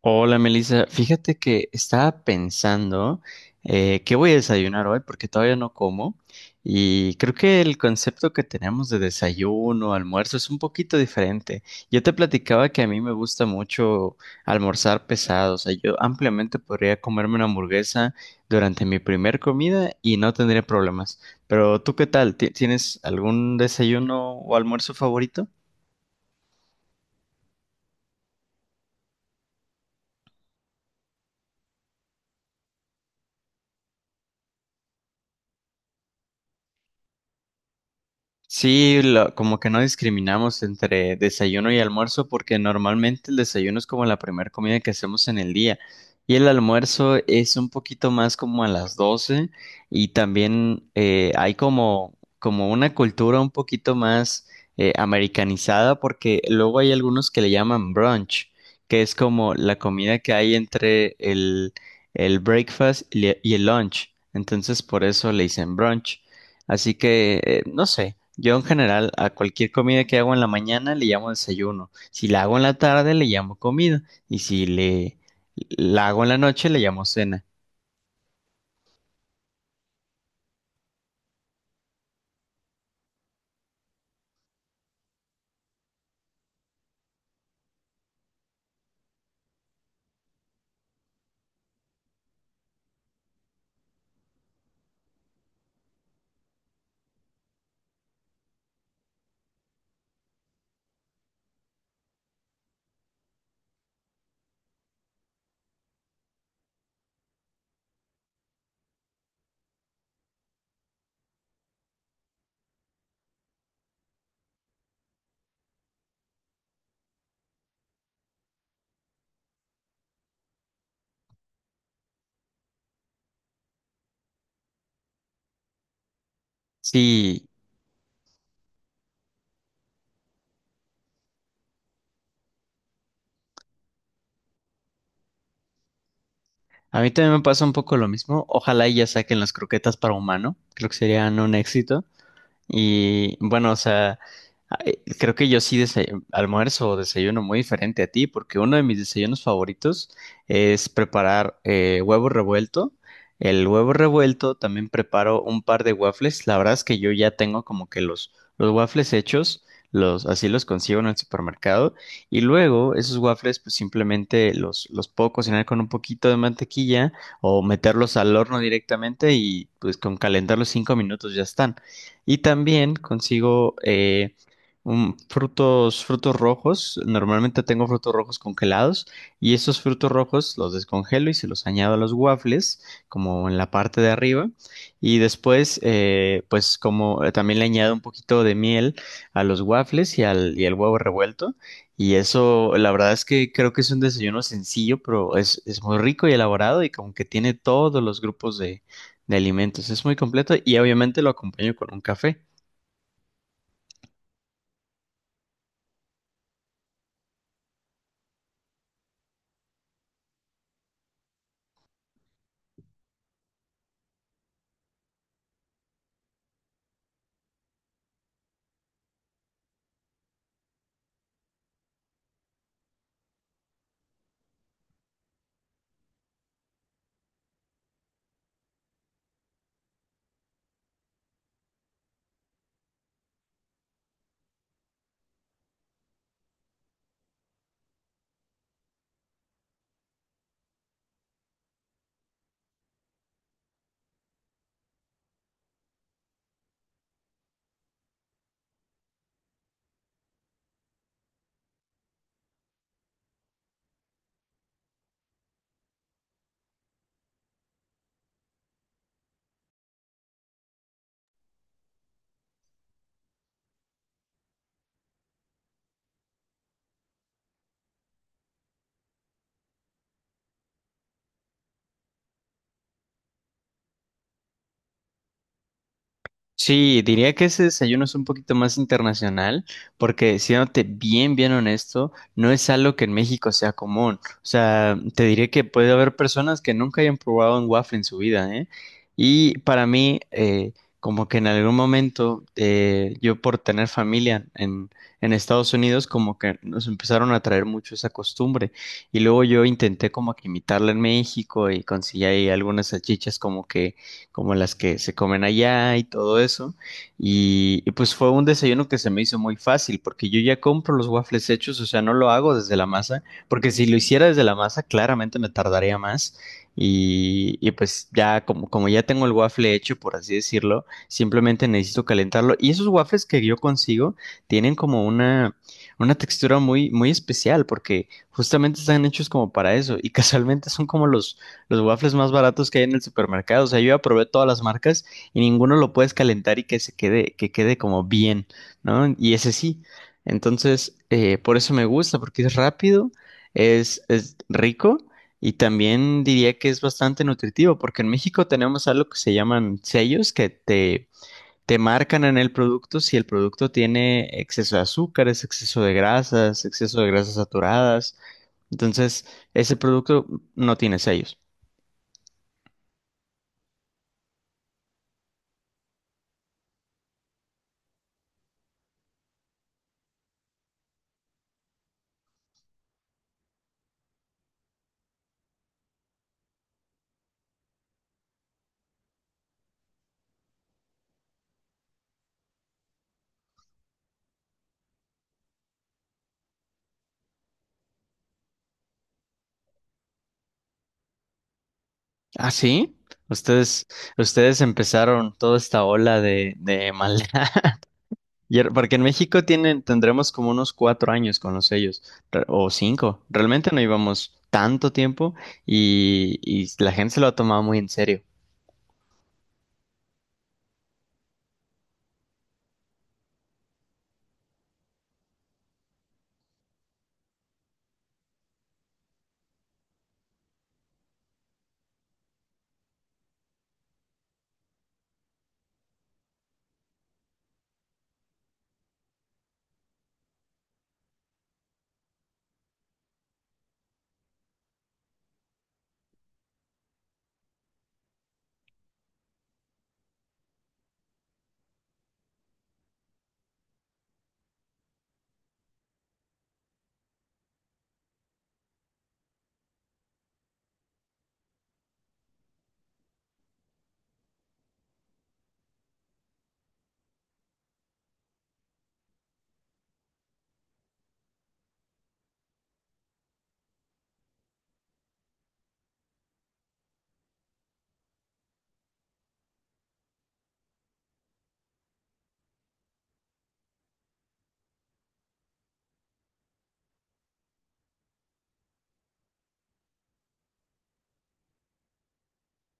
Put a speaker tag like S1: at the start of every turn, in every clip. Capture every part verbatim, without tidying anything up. S1: Hola Melissa, fíjate que estaba pensando, eh, qué voy a desayunar hoy porque todavía no como. Y creo que el concepto que tenemos de desayuno, almuerzo es un poquito diferente. Yo te platicaba que a mí me gusta mucho almorzar pesado. O sea, yo ampliamente podría comerme una hamburguesa durante mi primer comida y no tendría problemas. Pero ¿tú qué tal? ¿Ti- ¿Tienes algún desayuno o almuerzo favorito? Sí, lo- como que no discriminamos entre desayuno y almuerzo, porque normalmente el desayuno es como la primera comida que hacemos en el día, y el almuerzo es un poquito más como a las doce. Y también eh, hay como, como una cultura un poquito más eh, americanizada, porque luego hay algunos que le llaman brunch, que es como la comida que hay entre el, el breakfast y y el lunch. Entonces por eso le dicen brunch. Así que, eh, no sé. Yo en general a cualquier comida que hago en la mañana le llamo desayuno. Si la hago en la tarde le llamo comida, y si le la hago en la noche le llamo cena. Sí, a mí también me pasa un poco lo mismo. Ojalá y ya saquen las croquetas para humano. Creo que serían un éxito. Y bueno, o sea, ay, creo que yo sí dese- almuerzo o desayuno muy diferente a ti, porque uno de mis desayunos favoritos es preparar eh, huevo revuelto. El huevo revuelto. También preparo un par de waffles. La verdad es que yo ya tengo como que los, los waffles hechos, los, así los consigo en el supermercado. Y luego esos waffles, pues simplemente los, los puedo cocinar con un poquito de mantequilla o meterlos al horno directamente, y pues con calentarlos cinco minutos ya están. Y también consigo eh, un- frutos, frutos rojos. Normalmente tengo frutos rojos congelados, y esos frutos rojos los descongelo y se los añado a los waffles, como en la parte de arriba. Y después, eh, pues como eh, también le añado un poquito de miel a los waffles y al, y al huevo revuelto. Y eso, la verdad es que creo que es un desayuno sencillo, pero es, es, muy rico y elaborado, y como que tiene todos los grupos de alimentos. Es muy completo y obviamente lo acompaño con un café. Sí, diría que ese desayuno es un poquito más internacional, porque siéndote bien, bien honesto, no es algo que en México sea común. O sea, te diré que puede haber personas que nunca hayan probado un waffle en su vida, ¿eh? Y para mí, eh, como que en algún momento, eh, yo por tener familia en, en Estados Unidos, como que nos empezaron a traer mucho esa costumbre. Y luego yo intenté como que imitarla en México, y conseguí ahí algunas salchichas como que como las que se comen allá y todo eso. Y, y pues fue un desayuno que se me hizo muy fácil, porque yo ya compro los waffles hechos. O sea, no lo hago desde la masa, porque si lo hiciera desde la masa, claramente me tardaría más. Y, y pues ya, como, como, ya tengo el waffle hecho, por así decirlo, simplemente necesito calentarlo. Y esos waffles que yo consigo tienen como una, una, textura muy, muy especial, porque justamente están hechos como para eso. Y casualmente son como los, los waffles más baratos que hay en el supermercado. O sea, yo ya probé todas las marcas y ninguno lo puedes calentar y que se quede, que quede como bien, ¿no? Y ese sí. Entonces, eh, por eso me gusta, porque es rápido, es, es, rico, y también diría que es bastante nutritivo, porque en México tenemos algo que se llaman sellos, que te, te marcan en el producto si el producto tiene exceso de azúcares, exceso de grasas, exceso de grasas saturadas. Entonces, ese producto no tiene sellos. Ah, sí. Ustedes, ustedes empezaron toda esta ola de, de maldad. Y er- porque en México tienen, tendremos como unos cuatro años con los sellos, re- o cinco. Realmente no íbamos tanto tiempo, y, y la gente se lo ha tomado muy en serio.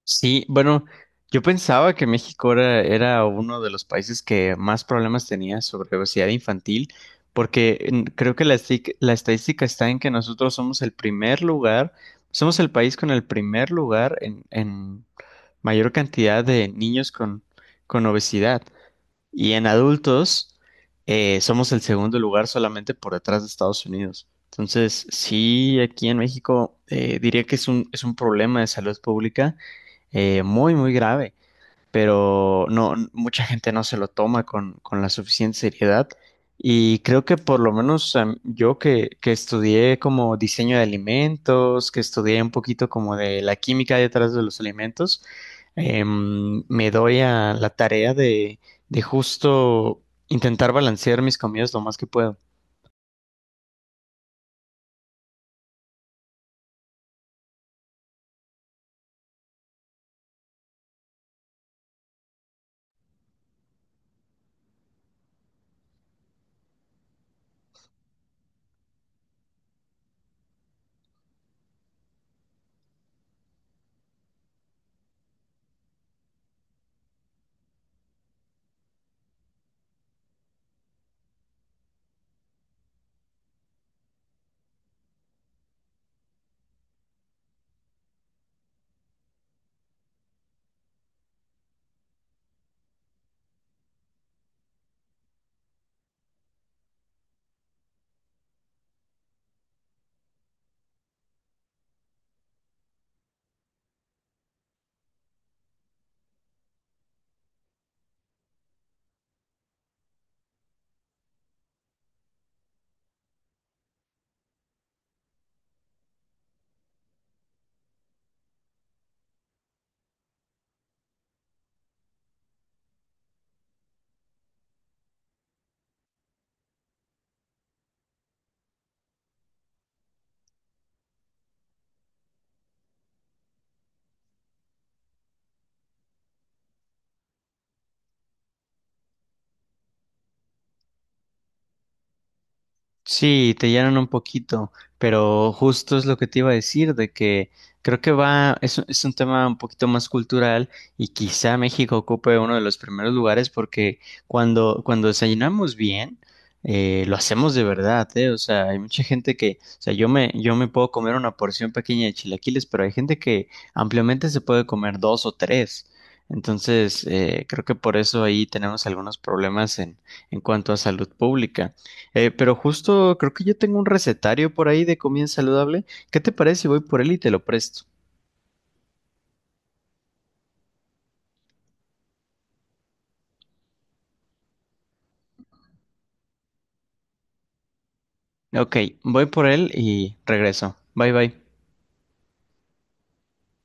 S1: Sí, bueno, yo pensaba que México era, era, uno de los países que más problemas tenía sobre obesidad infantil, porque en- creo que la, estic- la estadística está en que nosotros somos el primer lugar, somos el país con el primer lugar en, en, mayor cantidad de niños con, con obesidad. Y en adultos eh, somos el segundo lugar solamente por detrás de Estados Unidos. Entonces, sí, aquí en México eh, diría que es un, es un, problema de salud pública eh, muy, muy grave, pero no, mucha gente no se lo toma con, con, la suficiente seriedad. Y creo que por lo menos em, yo que, que estudié como diseño de alimentos, que estudié un poquito como de la química detrás de los alimentos, em, me doy a la tarea de, de justo intentar balancear mis comidas lo más que puedo. Sí, te llenan un poquito, pero justo es lo que te iba a decir, de que creo que va, es, un- es un tema un poquito más cultural, y quizá México ocupe uno de los primeros lugares porque cuando, cuando, desayunamos bien, eh, lo hacemos de verdad, ¿eh? O sea, hay mucha gente que, o sea, yo me, yo me puedo comer una porción pequeña de chilaquiles, pero hay gente que ampliamente se puede comer dos o tres. Entonces, eh, creo que por eso ahí tenemos algunos problemas en, en cuanto a salud pública. Eh, pero justo creo que yo tengo un recetario por ahí de comida saludable. ¿Qué te parece si voy por él y te lo presto? Ok, voy por él y regreso. Bye bye.